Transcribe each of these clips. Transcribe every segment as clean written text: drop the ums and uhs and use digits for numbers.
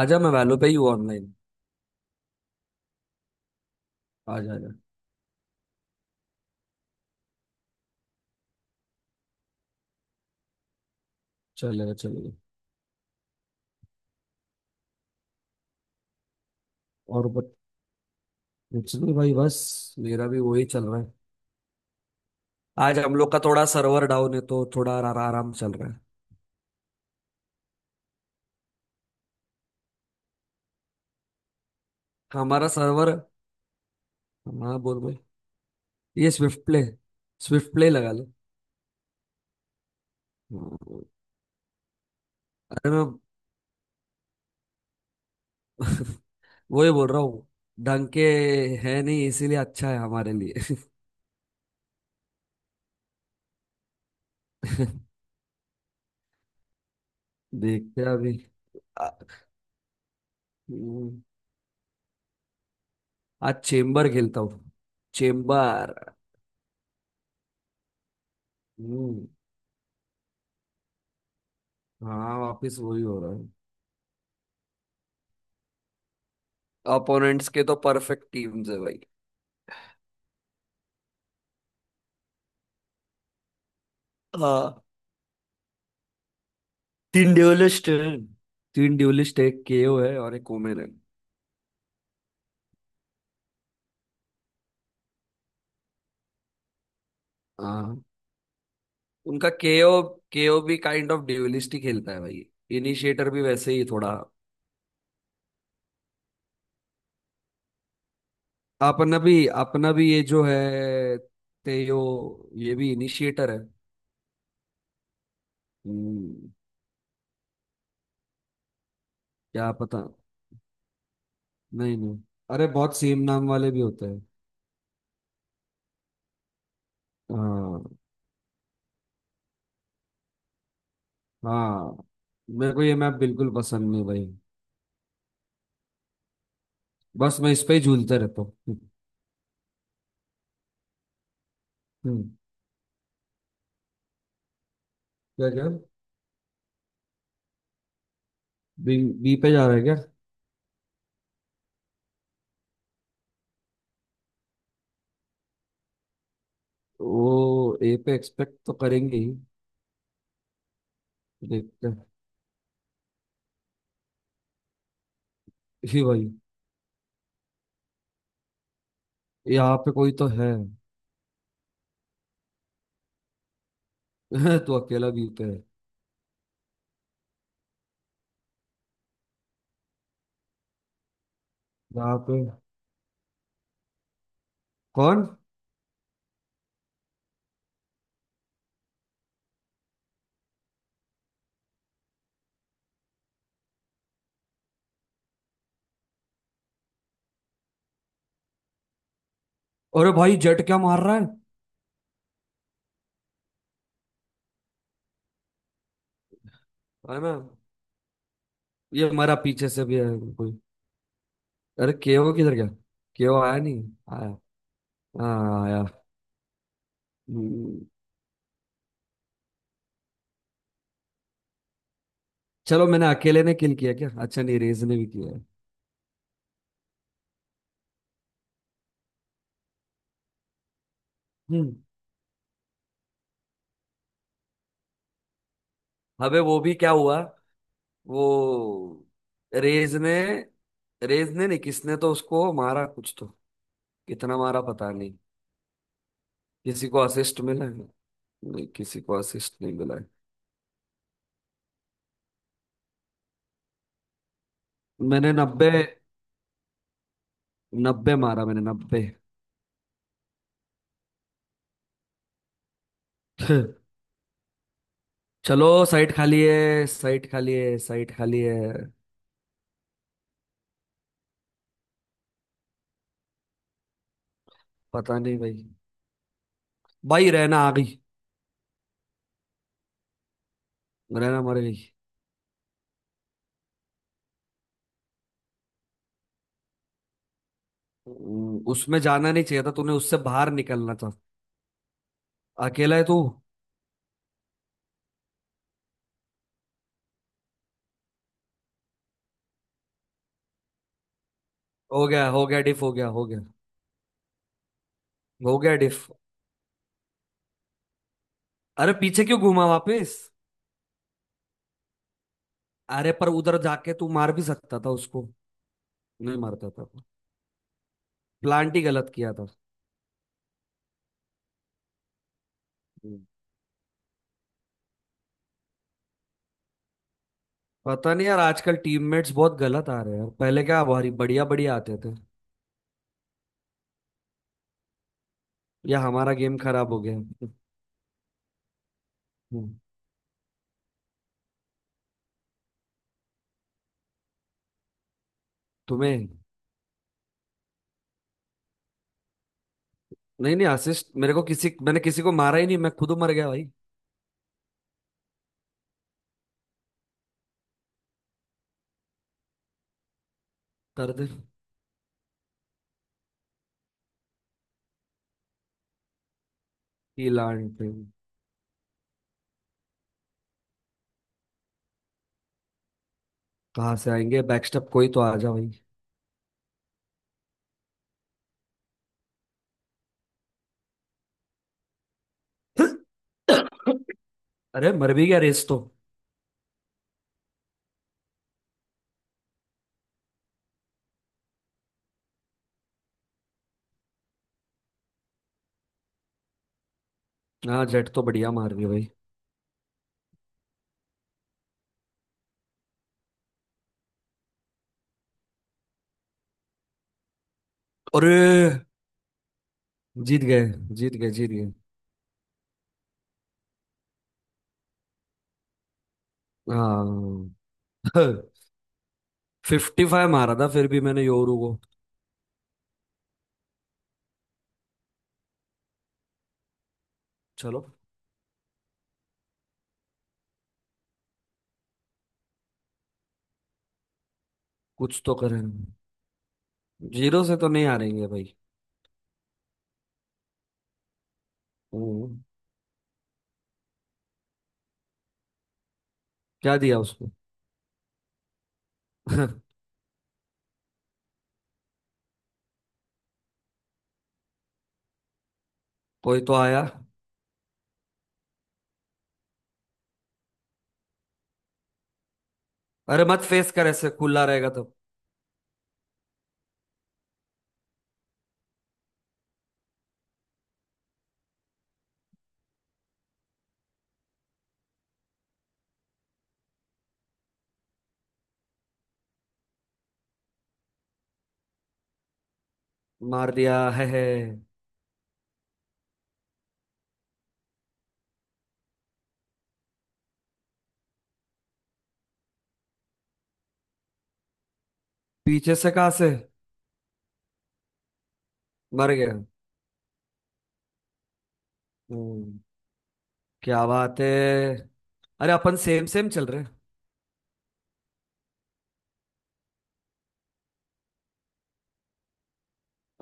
आजा मैं वैलो पे ही हूँ ऑनलाइन। आजा आजा। चलेगा चलेगा। और बट, कुछ नहीं भाई, बस मेरा भी वही चल रहा है। आज हम लोग का थोड़ा सर्वर डाउन है तो थोड़ा आराम चल रहा है। हमारा सर्वर। हाँ बोल भाई। ये स्विफ्ट प्ले लगा ले। हाँ। अरे मैं वही बोल रहा हूँ। ढंग के है नहीं, इसीलिए अच्छा है हमारे लिए। देखते हैं अभी। आ- हम्म। आज चेम्बर खेलता हूँ। चेम्बर। हम्म। हाँ वापिस वही हो रहा है। अपोनेंट्स के तो परफेक्ट टीम्स है भाई। हाँ। तीन ड्यूलिस्ट हैं। तीन ड्यूलिस्ट, एक केओ है और एक ओमेन है। हाँ। उनका केओ। केओ भी काइंड ऑफ ड्यूलिस्ट ही खेलता है भाई। इनिशिएटर भी वैसे ही थोड़ा। अपना भी ये जो है, तेयो, ये भी इनिशिएटर है। हम्म। क्या पता। नहीं नहीं। अरे बहुत सेम नाम वाले भी होते हैं। हाँ। हाँ, मेरे को ये मैप बिल्कुल पसंद नहीं भाई। बस मैं इस पे ही झूलते रहता हूँ। हम्म। क्या क्या? बी। बी पे जा रहा है क्या? वो ए पे एक्सपेक्ट तो करेंगे ही। देखते हैं। ही भाई। यहाँ पे कोई तो है। तू अकेला बी पे है। यहाँ पे। कौन? अरे भाई जेट क्या मार रहा है। अरे मैं। ये हमारा पीछे से भी है। कोई। अरे केओ किधर गया? केओ आया नहीं। आया। हाँ आया। हम्म। चलो मैंने अकेले ने किल किया क्या? अच्छा नहीं, रेज ने भी किया है। हम्म। अबे वो भी क्या हुआ? वो। रेज ने रेज ने नहीं, किसने तो उसको मारा कुछ तो। कितना मारा पता नहीं। किसी को असिस्ट मिला है? नहीं, किसी को असिस्ट नहीं मिला है। मैंने 90। 90 मारा मैंने, 90। चलो साइट खाली है, साइट खाली है, साइट खाली है। पता नहीं भाई। भाई रहना आ गई। रहना मर गई। उसमें जाना नहीं चाहिए था, तूने उससे बाहर निकलना था। अकेला है तू। हो गया डिफ, हो गया हो गया। हो गया डिफ। अरे पीछे क्यों घूमा वापस? अरे पर उधर जाके तू मार भी सकता था उसको। नहीं मारता था। प्लांट ही गलत किया था। हम्म। पता नहीं यार, आजकल टीममेट्स बहुत गलत आ रहे हैं यार, पहले क्या भारी बढ़िया बढ़िया आते थे। या हमारा गेम खराब हो गया। हम्म। तुम्हें। नहीं नहीं, असिस्ट मेरे को किसी, मैंने किसी को मारा ही नहीं, मैं खुद मर गया भाई। दर्द। की लान पे। कहाँ से आएंगे बैकस्टेप? कोई तो आ जा भाई। अरे मर भी गया रेस तो। हाँ जेट तो बढ़िया मार रही है भाई। अरे जीत गए। जीत गए जीत गए। हाँ। 55 मारा था फिर भी मैंने योरू को। चलो। कुछ तो करें। जीरो से तो नहीं हारेंगे भाई। हम्म। क्या दिया उसको? कोई तो आया। अरे मत फेस कर, ऐसे खुला रहेगा तो। मार दिया है, है। पीछे से कहाँ से? मर गया। हम्म, क्या बात है। अरे अपन सेम सेम चल रहे हैं।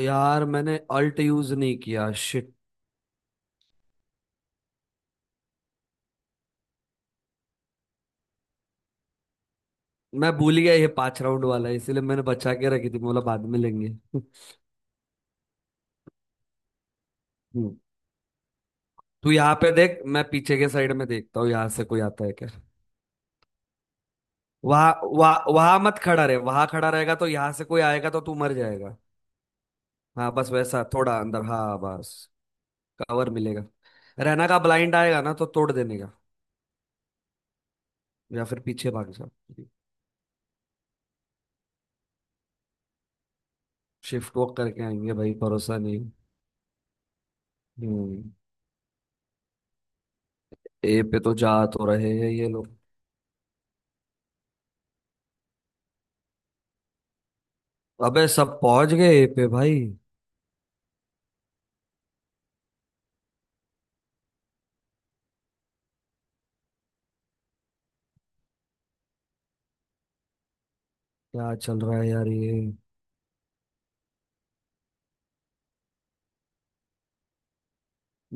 यार मैंने अल्ट यूज नहीं किया, शिट। मैं भूल गया ये पांच राउंड वाला है, इसीलिए मैंने बचा के रखी थी, बोला बाद में लेंगे। तू यहाँ पे देख, मैं पीछे के साइड में देखता हूँ, यहाँ से कोई आता है क्या? वहां। वहां वहां मत खड़ा रहे, वहां खड़ा रहेगा तो यहाँ से कोई आएगा तो तू मर जाएगा। हाँ बस वैसा थोड़ा अंदर, हाँ बस। कवर मिलेगा। रहना का ब्लाइंड आएगा ना, तो तोड़ देने का। या फिर पीछे भाग जा। शिफ्ट वॉक करके आएंगे भाई, भरोसा नहीं। हम्म। ए पे तो जा तो रहे हैं ये लोग। अबे सब पहुंच गए ए पे भाई। क्या चल रहा है यार ये।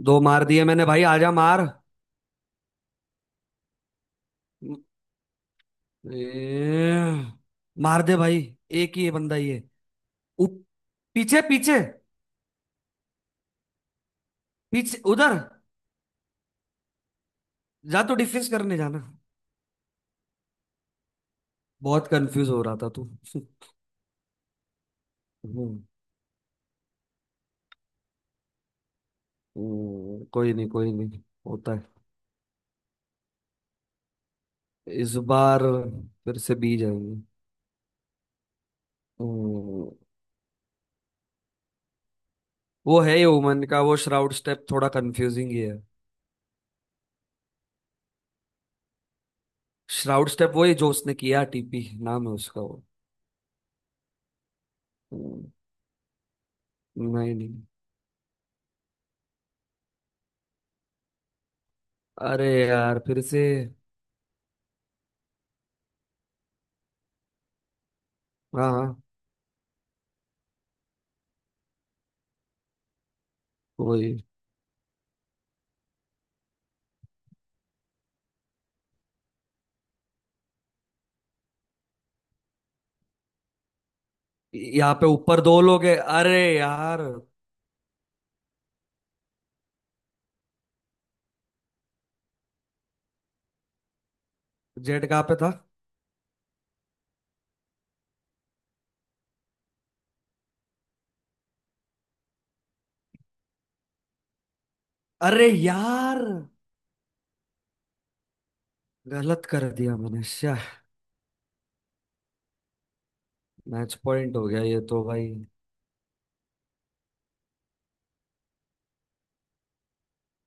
दो मार दिए मैंने भाई, आजा मार। ए। मार दे भाई। एक ही है बंदा ये। उप। पीछे पीछे। पीछे उधर। जा तो डिफेंस करने जाना। बहुत कंफ्यूज हो रहा था तू। हम्म। कोई नहीं होता है इस बार। फिर से बी जाएंगे। हम्म। वो है ओमन का वो श्राउड स्टेप थोड़ा कंफ्यूजिंग ही है। श्राउड स्टेप वो ही जो उसने किया, टीपी नाम है उसका वो। हम्म। नहीं नहीं। अरे यार, फिर से। हाँ हाँ। वही। यहाँ पे ऊपर दो लोग हैं, अरे यार। जेड कहाँ पे था? अरे यार। गलत कर दिया मैंने, श्या। मैच पॉइंट हो गया ये तो भाई।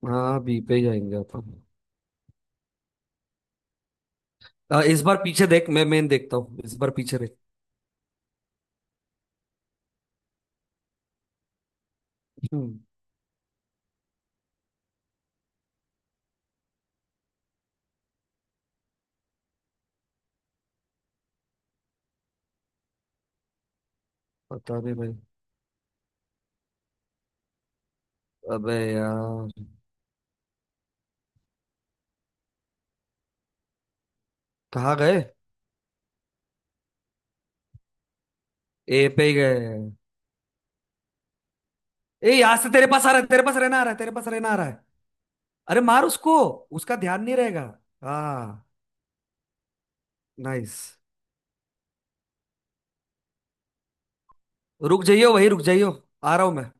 हाँ बी पे ही जाएंगे अपन। आ, इस बार पीछे देख, मैं मेन देखता हूँ, इस बार पीछे देख। हम्म। पता नहीं भाई। अबे यार। कहाँ गए? ए पे ही गए। ए यहाँ से तेरे पास आ रहा है, तेरे पास रहना आ रहा है, तेरे पास रहना आ रहा है। अरे मार उसको। उसका ध्यान नहीं रहेगा। हाँ। नाइस। रुक जाइयो, वही रुक जाइयो। आ रहा हूँ मैं।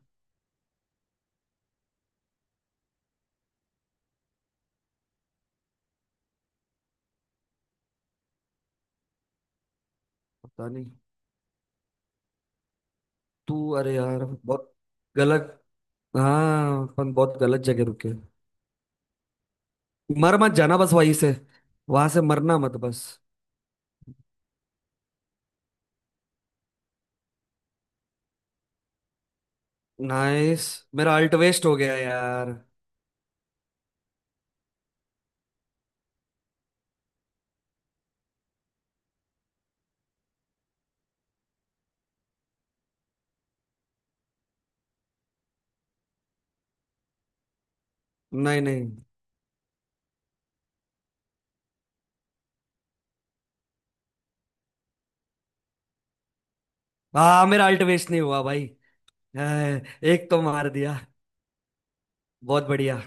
पता नहीं। तू अरे यार बहुत गलत। हाँ अपन बहुत गलत जगह रुके। मर मत जाना बस वहीं से। वहां से मरना मत बस। नाइस। मेरा अल्ट वेस्ट हो गया यार। नहीं नहीं। हाँ मेरा अल्ट वेस्ट नहीं हुआ भाई। हाँ, एक तो मार दिया। बहुत बढ़िया।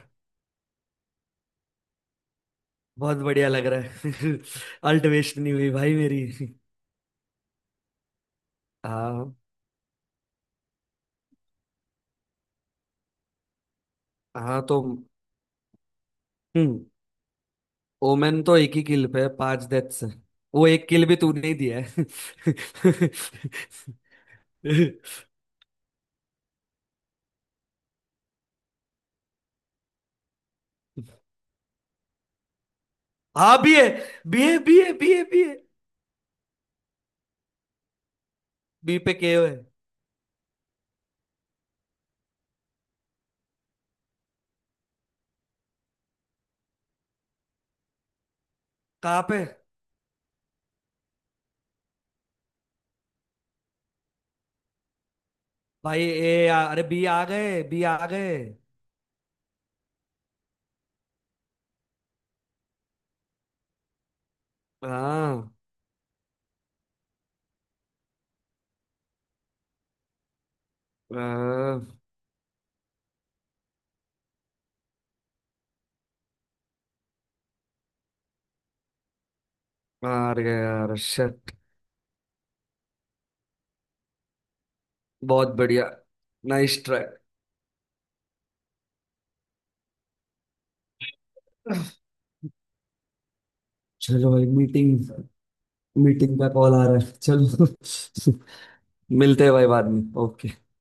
बहुत बढ़िया लग रहा है। अल्ट वेस्ट नहीं हुई भाई मेरी। हाँ। हाँ तो। हम्म। ओमेन तो एक ही किल पे है, पांच डेथ से। वो एक किल भी तूने ही दिया। है। हाँ बी है। बी है बी है बी है बी है। बी पे के है। कहाँ पे? भाई। अरे बी आ गए बी आ गए। हाँ। हाँ। मार गया यार, शिट। बहुत बढ़िया। Nice try. चलो भाई मीटिंग। मीटिंग का कॉल आ रहा है, चलो। मिलते हैं भाई बाद में, ओके।